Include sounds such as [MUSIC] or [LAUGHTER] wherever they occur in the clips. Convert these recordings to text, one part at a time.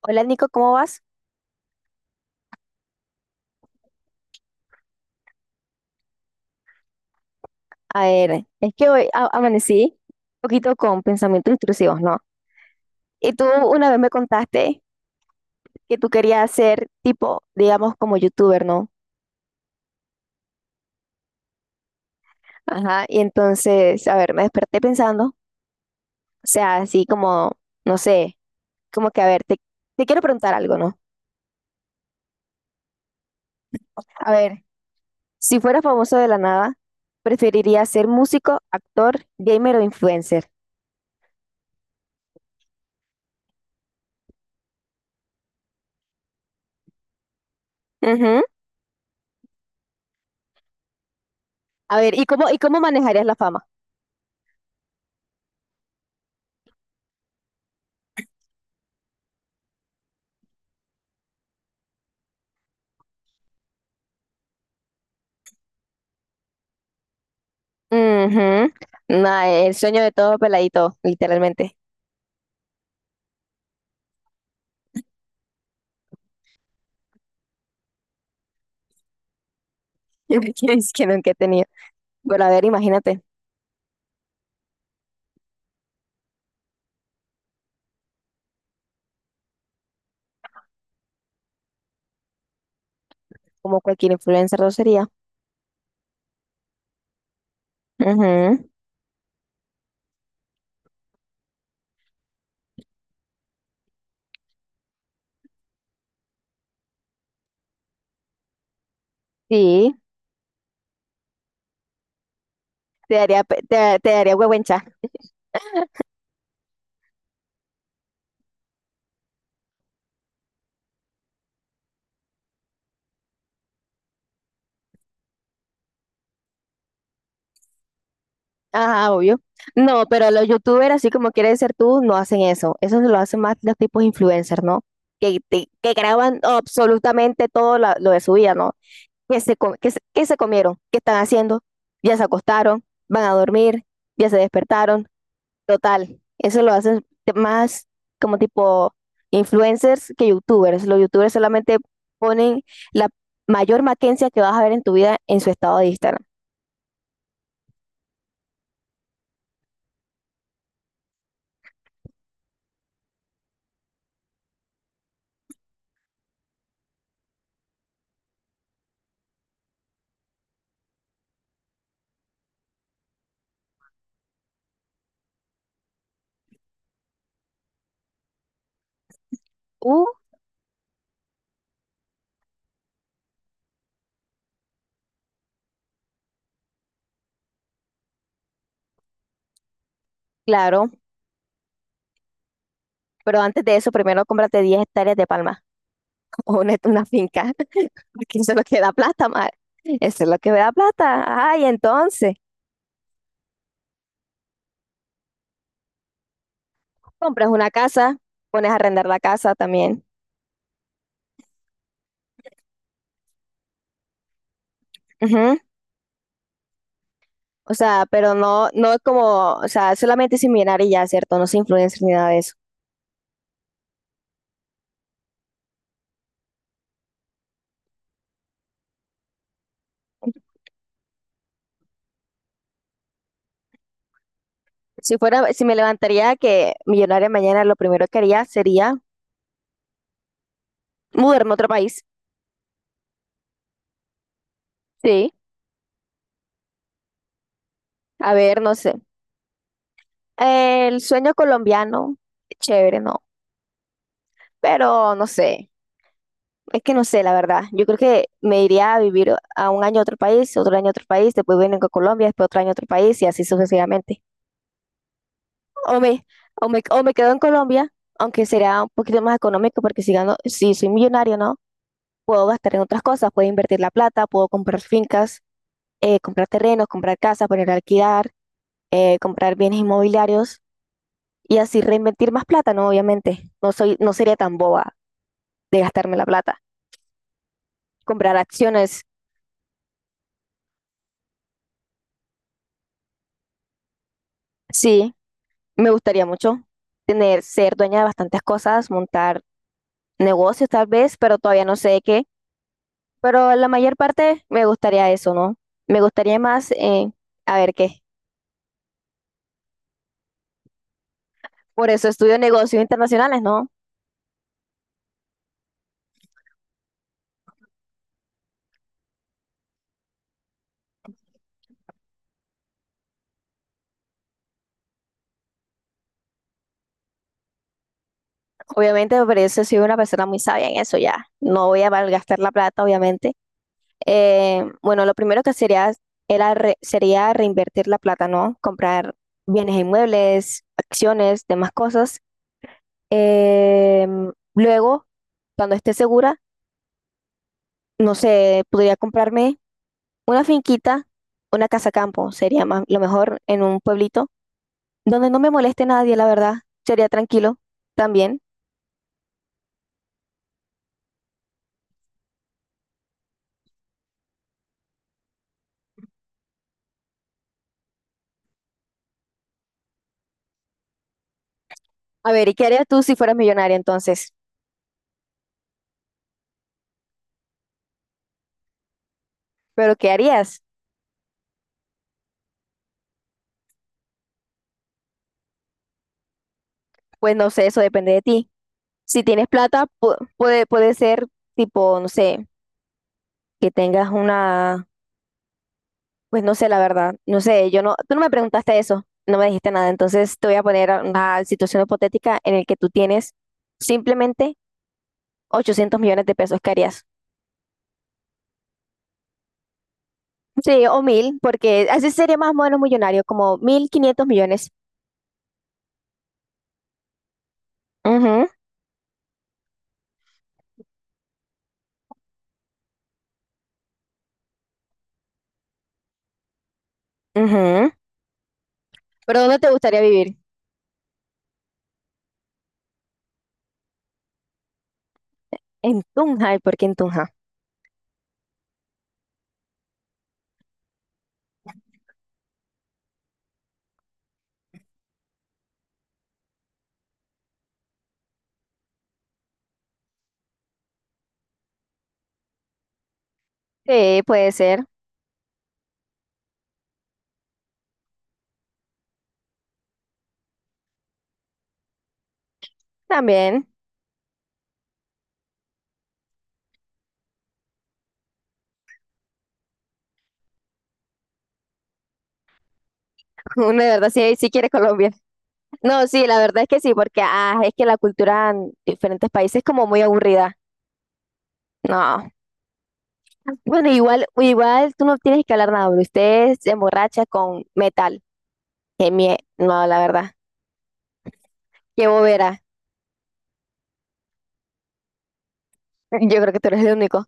Hola Nico, ¿cómo vas? A ver, es que hoy amanecí un poquito con pensamientos intrusivos, ¿no? Y tú una vez me contaste que tú querías ser tipo, digamos, como youtuber, ¿no? Ajá, y entonces, a ver, me desperté pensando, o sea, así como, no sé, como que, a ver, te quiero preguntar algo, ¿no? A ver, si fueras famoso de la nada, ¿preferirías ser músico, actor, gamer o influencer? Ujú. A ver, ¿y cómo, manejarías la fama? Ujú. No, el sueño de todo peladito, literalmente. [LAUGHS] Es que nunca he tenido. Pero a ver, imagínate, como cualquier influencer lo sería. Ujú. Sí, te daría, te daría huehuencha. Ajá, obvio. No, pero los youtubers, así como quieres ser tú, no hacen eso. Eso se lo hacen más los tipos influencers, ¿no? Que graban absolutamente todo lo de su vida, ¿no? ¿Qué se, qué se comieron? ¿Qué están haciendo? ¿Ya se acostaron? ¿Van a dormir? ¿Ya se despertaron? Total, eso lo hacen más como tipo influencers que youtubers. Los youtubers solamente ponen la mayor maquencia que vas a ver en tu vida en su estado de Instagram. Uh, claro, pero antes de eso, primero cómprate 10 hectáreas de palma [LAUGHS] o una finca, [LAUGHS] porque eso es lo que da plata, madre. Eso es lo que da plata. Ay, entonces, compras una casa, pones a arrendar la casa también. Ujú. O sea, pero no, no es como, o sea, solamente sin millonario y ya, ¿cierto? No se influencer ni nada de eso. Si fuera, si me levantaría que millonaria mañana, lo primero que haría sería mudarme a otro país. Sí, a ver, no sé. El sueño colombiano, chévere, ¿no? Pero no sé, es que no sé, la verdad. Yo creo que me iría a vivir a un año a otro país, otro año a otro país, después vengo a Colombia, después otro año a otro país y así sucesivamente. O me, o me quedo en Colombia, aunque será un poquito más económico porque si gano, si soy millonario, ¿no? Puedo gastar en otras cosas, puedo invertir la plata, puedo comprar fincas comprar terrenos, comprar casas, poner a alquilar, comprar bienes inmobiliarios y así reinvertir más plata, ¿no? Obviamente, no soy, no sería tan boba de gastarme la plata. Comprar acciones, sí, me gustaría mucho tener, ser dueña de bastantes cosas, montar negocios tal vez, pero todavía no sé de qué. Pero la mayor parte me gustaría eso, ¿no? Me gustaría más, a ver qué. Por eso estudio negocios internacionales, ¿no? Obviamente, por eso soy una persona muy sabia en eso ya. No voy a malgastar la plata, obviamente. Bueno, lo primero que sería, sería reinvertir la plata, ¿no? Comprar bienes e inmuebles, acciones, demás cosas. Luego, cuando esté segura, no sé, podría comprarme una finquita, una casa campo, sería más, lo mejor en un pueblito, donde no me moleste nadie, la verdad. Sería tranquilo también. A ver, ¿y qué harías tú si fueras millonaria entonces? ¿Pero qué harías? Pues no sé, eso depende de ti. Si tienes plata, puede ser tipo, no sé, que tengas una, pues no sé, la verdad, no sé, yo no, tú no me preguntaste eso, no me dijiste nada, entonces te voy a poner a una situación hipotética en el que tú tienes simplemente 800 millones de pesos, ¿qué harías? Sí, o mil, porque así sería más o menos millonario, como 1500 millones. Ujú, ujú. ¿Pero dónde te gustaría vivir? En Tunja, ¿y por qué en Tunja? Sí, puede ser, también. [LAUGHS] Uno de verdad sí quiere Colombia. No, sí, la verdad es que sí, porque ah, es que la cultura en diferentes países es como muy aburrida. No. Bueno, igual tú no tienes que hablar nada, pero usted se emborracha con metal. Que mie no, la verdad. Qué bobera. [LAUGHS] Yo creo que tú eres el único.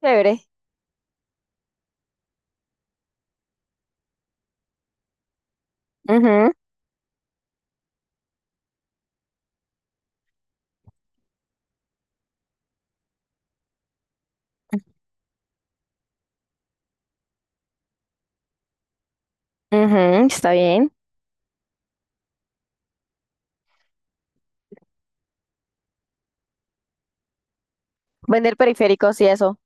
Chévere. Ujú, ujú, está bien. Vender periféricos y eso.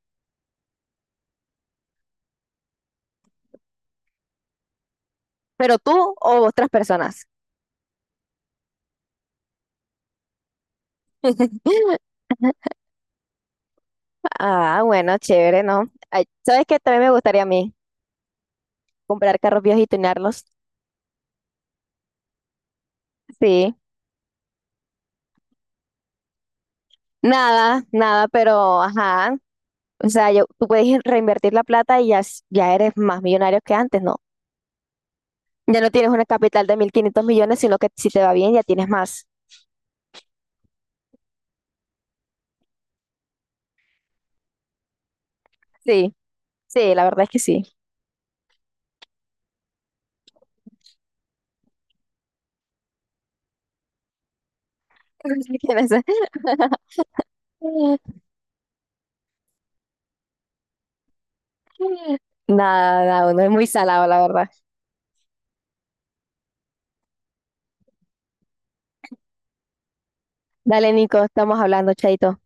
¿Pero tú o otras personas? [LAUGHS] Ah, bueno, chévere, ¿no? Ay, ¿sabes qué? También me gustaría a mí comprar carros viejos y tunearlos. Sí. Nada, nada, pero ajá. O sea, tú puedes reinvertir la plata y ya, ya eres más millonario que antes, ¿no? Ya no tienes una capital de 1500 millones, sino que si te va bien ya tienes más. Sí, sí, la verdad es que sí. [LAUGHS] Tienes- Nada, nada, uno es muy salado, la verdad. Dale, Nico, estamos hablando, chaito.